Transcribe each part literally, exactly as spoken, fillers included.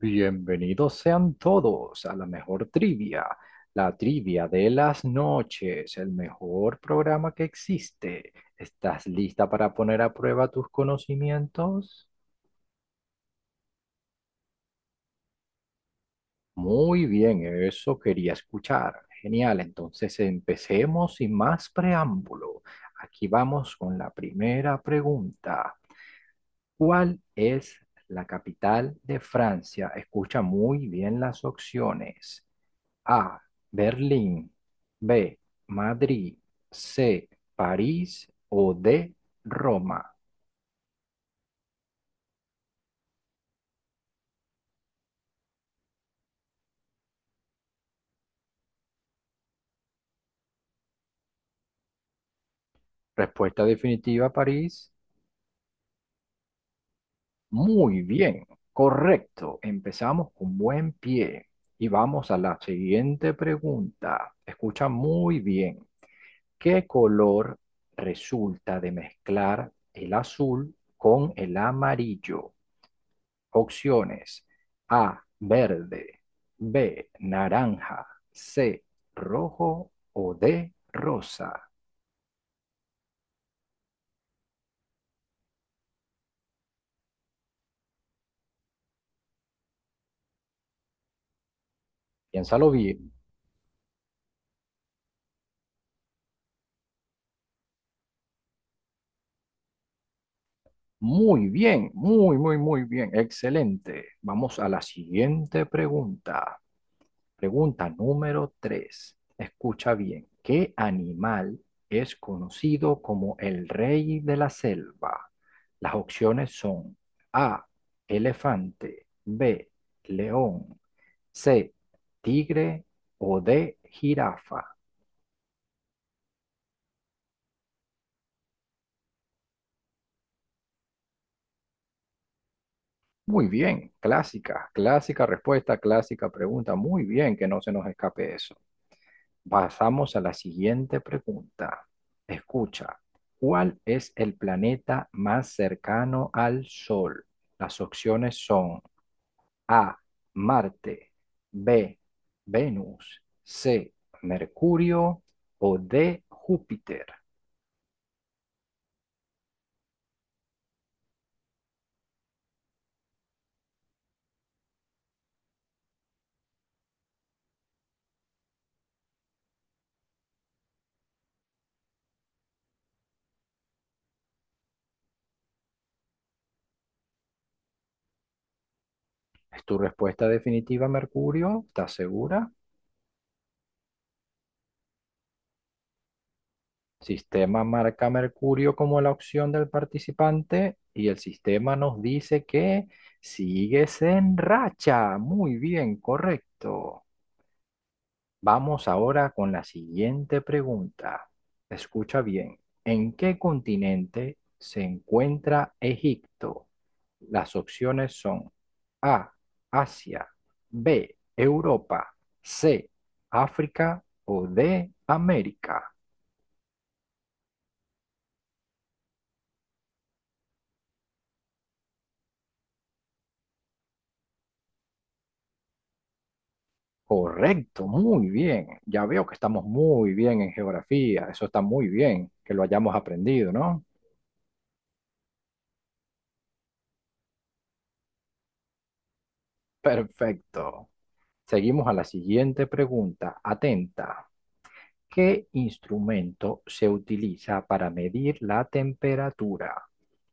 Bienvenidos sean todos a la mejor trivia, la trivia de las noches, el mejor programa que existe. ¿Estás lista para poner a prueba tus conocimientos? Muy bien, eso quería escuchar. Genial, entonces empecemos sin más preámbulo. Aquí vamos con la primera pregunta. ¿Cuál es la capital de Francia? Escucha muy bien las opciones. A. Berlín. B. Madrid. C. París. O D. Roma. Respuesta definitiva, París. Muy bien, correcto. Empezamos con buen pie. Y vamos a la siguiente pregunta. Escucha muy bien. ¿Qué color resulta de mezclar el azul con el amarillo? Opciones A, verde, B, naranja, C, rojo o D, rosa. Piénsalo bien. Muy bien, muy, muy, muy bien. Excelente. Vamos a la siguiente pregunta. Pregunta número tres. Escucha bien. ¿Qué animal es conocido como el rey de la selva? Las opciones son A, elefante, B, león, C, tigre o D, jirafa. Muy bien, clásica, clásica respuesta, clásica pregunta. Muy bien, que no se nos escape eso. Pasamos a la siguiente pregunta. Escucha, ¿cuál es el planeta más cercano al Sol? Las opciones son A, Marte, B, Venus, C, Mercurio o D, Júpiter. ¿Es tu respuesta definitiva, Mercurio? ¿Estás segura? Sistema marca Mercurio como la opción del participante y el sistema nos dice que sigues en racha. Muy bien, correcto. Vamos ahora con la siguiente pregunta. Escucha bien. ¿En qué continente se encuentra Egipto? Las opciones son A, Asia, B, Europa, C, África o D, América. Correcto, muy bien. Ya veo que estamos muy bien en geografía. Eso está muy bien que lo hayamos aprendido, ¿no? Perfecto. Seguimos a la siguiente pregunta. Atenta. ¿Qué instrumento se utiliza para medir la temperatura?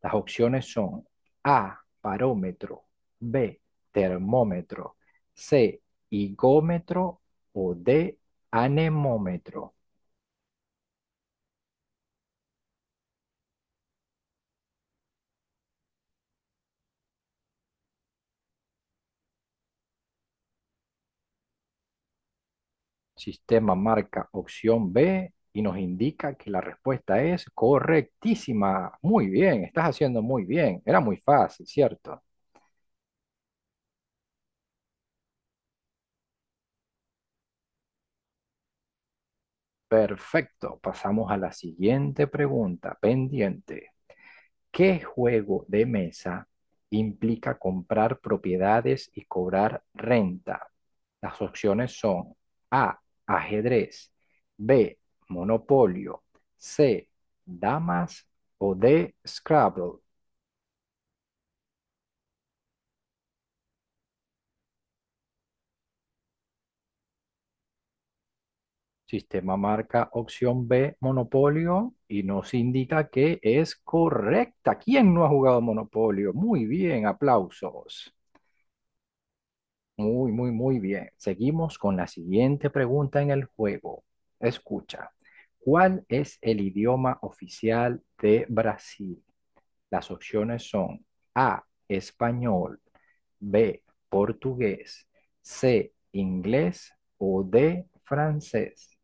Las opciones son A, parómetro, B, termómetro, C, higómetro o D, anemómetro. Sistema marca opción B y nos indica que la respuesta es correctísima. Muy bien, estás haciendo muy bien. Era muy fácil, ¿cierto? Perfecto. Pasamos a la siguiente pregunta pendiente. ¿Qué juego de mesa implica comprar propiedades y cobrar renta? Las opciones son A, ajedrez, B, monopolio, C, damas o D, Scrabble. Sistema marca opción B, Monopolio, y nos indica que es correcta. ¿Quién no ha jugado Monopolio? Muy bien, aplausos. Muy, muy, muy bien. Seguimos con la siguiente pregunta en el juego. Escucha, ¿cuál es el idioma oficial de Brasil? Las opciones son A, español, B, portugués, C, inglés o D, francés.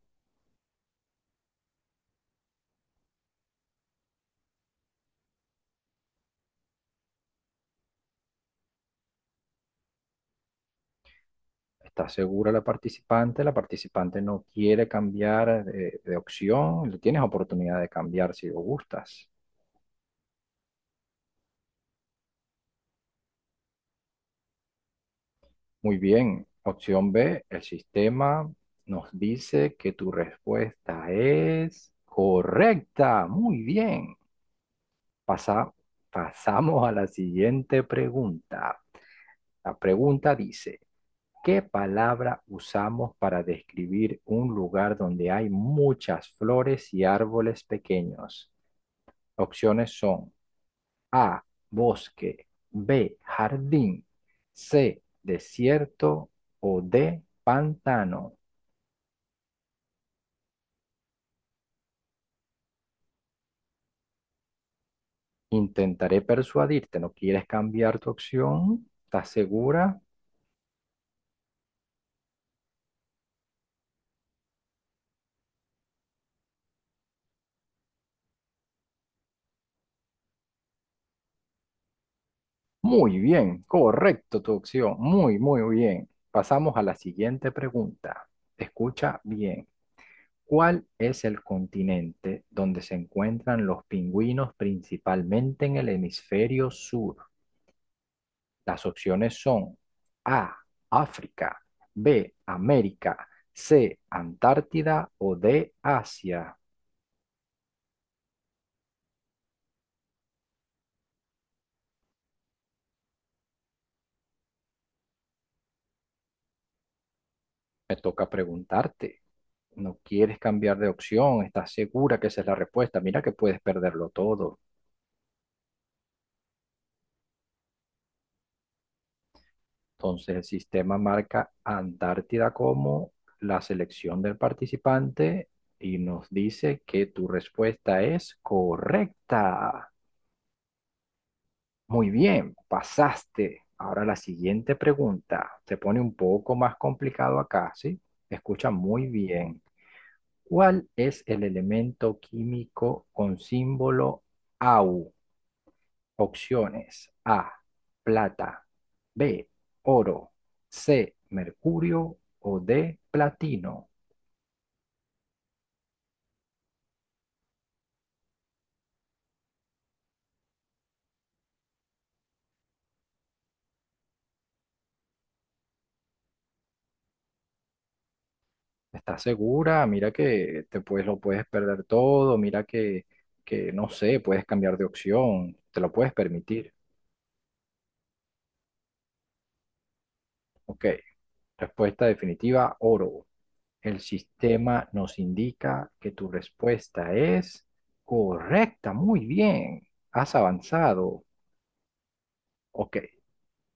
Está segura la participante, la participante no quiere cambiar de, de opción, le tienes oportunidad de cambiar si lo gustas. Muy bien, opción B, el sistema nos dice que tu respuesta es correcta. Muy bien. Pasa- Pasamos a la siguiente pregunta. La pregunta dice, ¿qué palabra usamos para describir un lugar donde hay muchas flores y árboles pequeños? Opciones son A, bosque, B, jardín, C, desierto o D, pantano. Intentaré persuadirte, ¿no quieres cambiar tu opción? ¿Estás segura? Muy bien, correcto tu opción, muy, muy bien. Pasamos a la siguiente pregunta. Escucha bien. ¿Cuál es el continente donde se encuentran los pingüinos principalmente en el hemisferio sur? Las opciones son A, África, B, América, C, Antártida o D, Asia. Me toca preguntarte. No quieres cambiar de opción, estás segura que esa es la respuesta. Mira que puedes perderlo todo. Entonces el sistema marca Antártida como la selección del participante y nos dice que tu respuesta es correcta. Muy bien, pasaste. Ahora la siguiente pregunta. Se pone un poco más complicado acá, ¿sí? Escucha muy bien. ¿Cuál es el elemento químico con símbolo A U? Opciones A, plata, B, oro, C, mercurio o D, platino. ¿Estás segura? Mira que te puedes, lo puedes perder todo, mira que, que no sé, puedes cambiar de opción, te lo puedes permitir. Ok, respuesta definitiva, oro. El sistema nos indica que tu respuesta es correcta. Muy bien, has avanzado. Ok,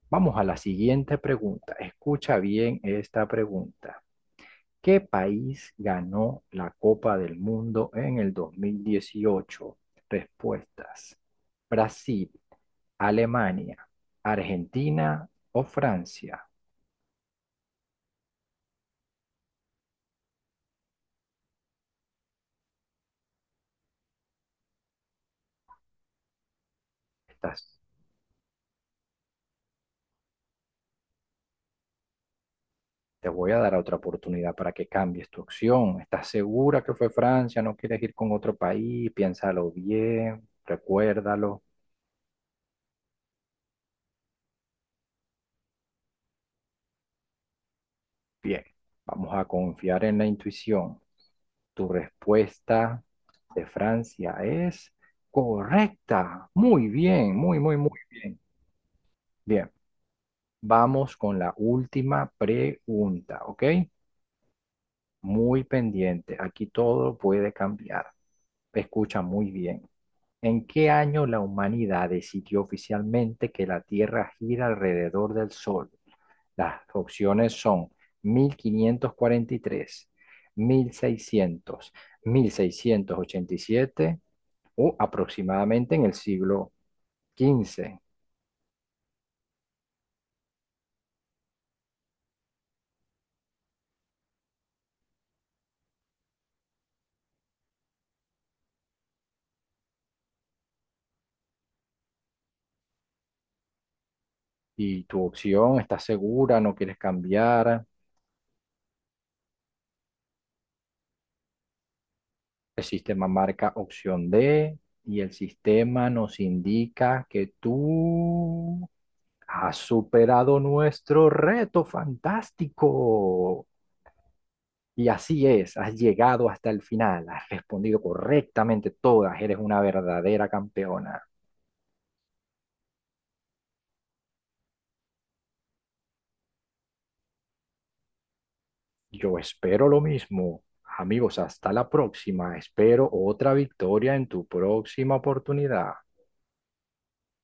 vamos a la siguiente pregunta. Escucha bien esta pregunta. ¿Qué país ganó la Copa del Mundo en el dos mil dieciocho? Respuestas. Brasil, Alemania, Argentina o Francia. Estás Te voy a dar otra oportunidad para que cambies tu opción. ¿Estás segura que fue Francia? ¿No quieres ir con otro país? Piénsalo bien, recuérdalo. Bien, vamos a confiar en la intuición. Tu respuesta de Francia es correcta. Muy bien, muy, muy, muy bien. Bien, vamos con la última pregunta, ¿ok? Muy pendiente. Aquí todo puede cambiar. Escucha muy bien. ¿En qué año la humanidad decidió oficialmente que la Tierra gira alrededor del Sol? Las opciones son mil mil mil quinientos cuarenta y tres, mil seiscientos, mil seiscientos ochenta y siete o aproximadamente en el siglo quince. Y tu opción, ¿estás segura? ¿No quieres cambiar? El sistema marca opción D y el sistema nos indica que tú has superado nuestro reto fantástico. Y así es, has llegado hasta el final, has respondido correctamente todas, eres una verdadera campeona. Yo espero lo mismo. Amigos, hasta la próxima. Espero otra victoria en tu próxima oportunidad.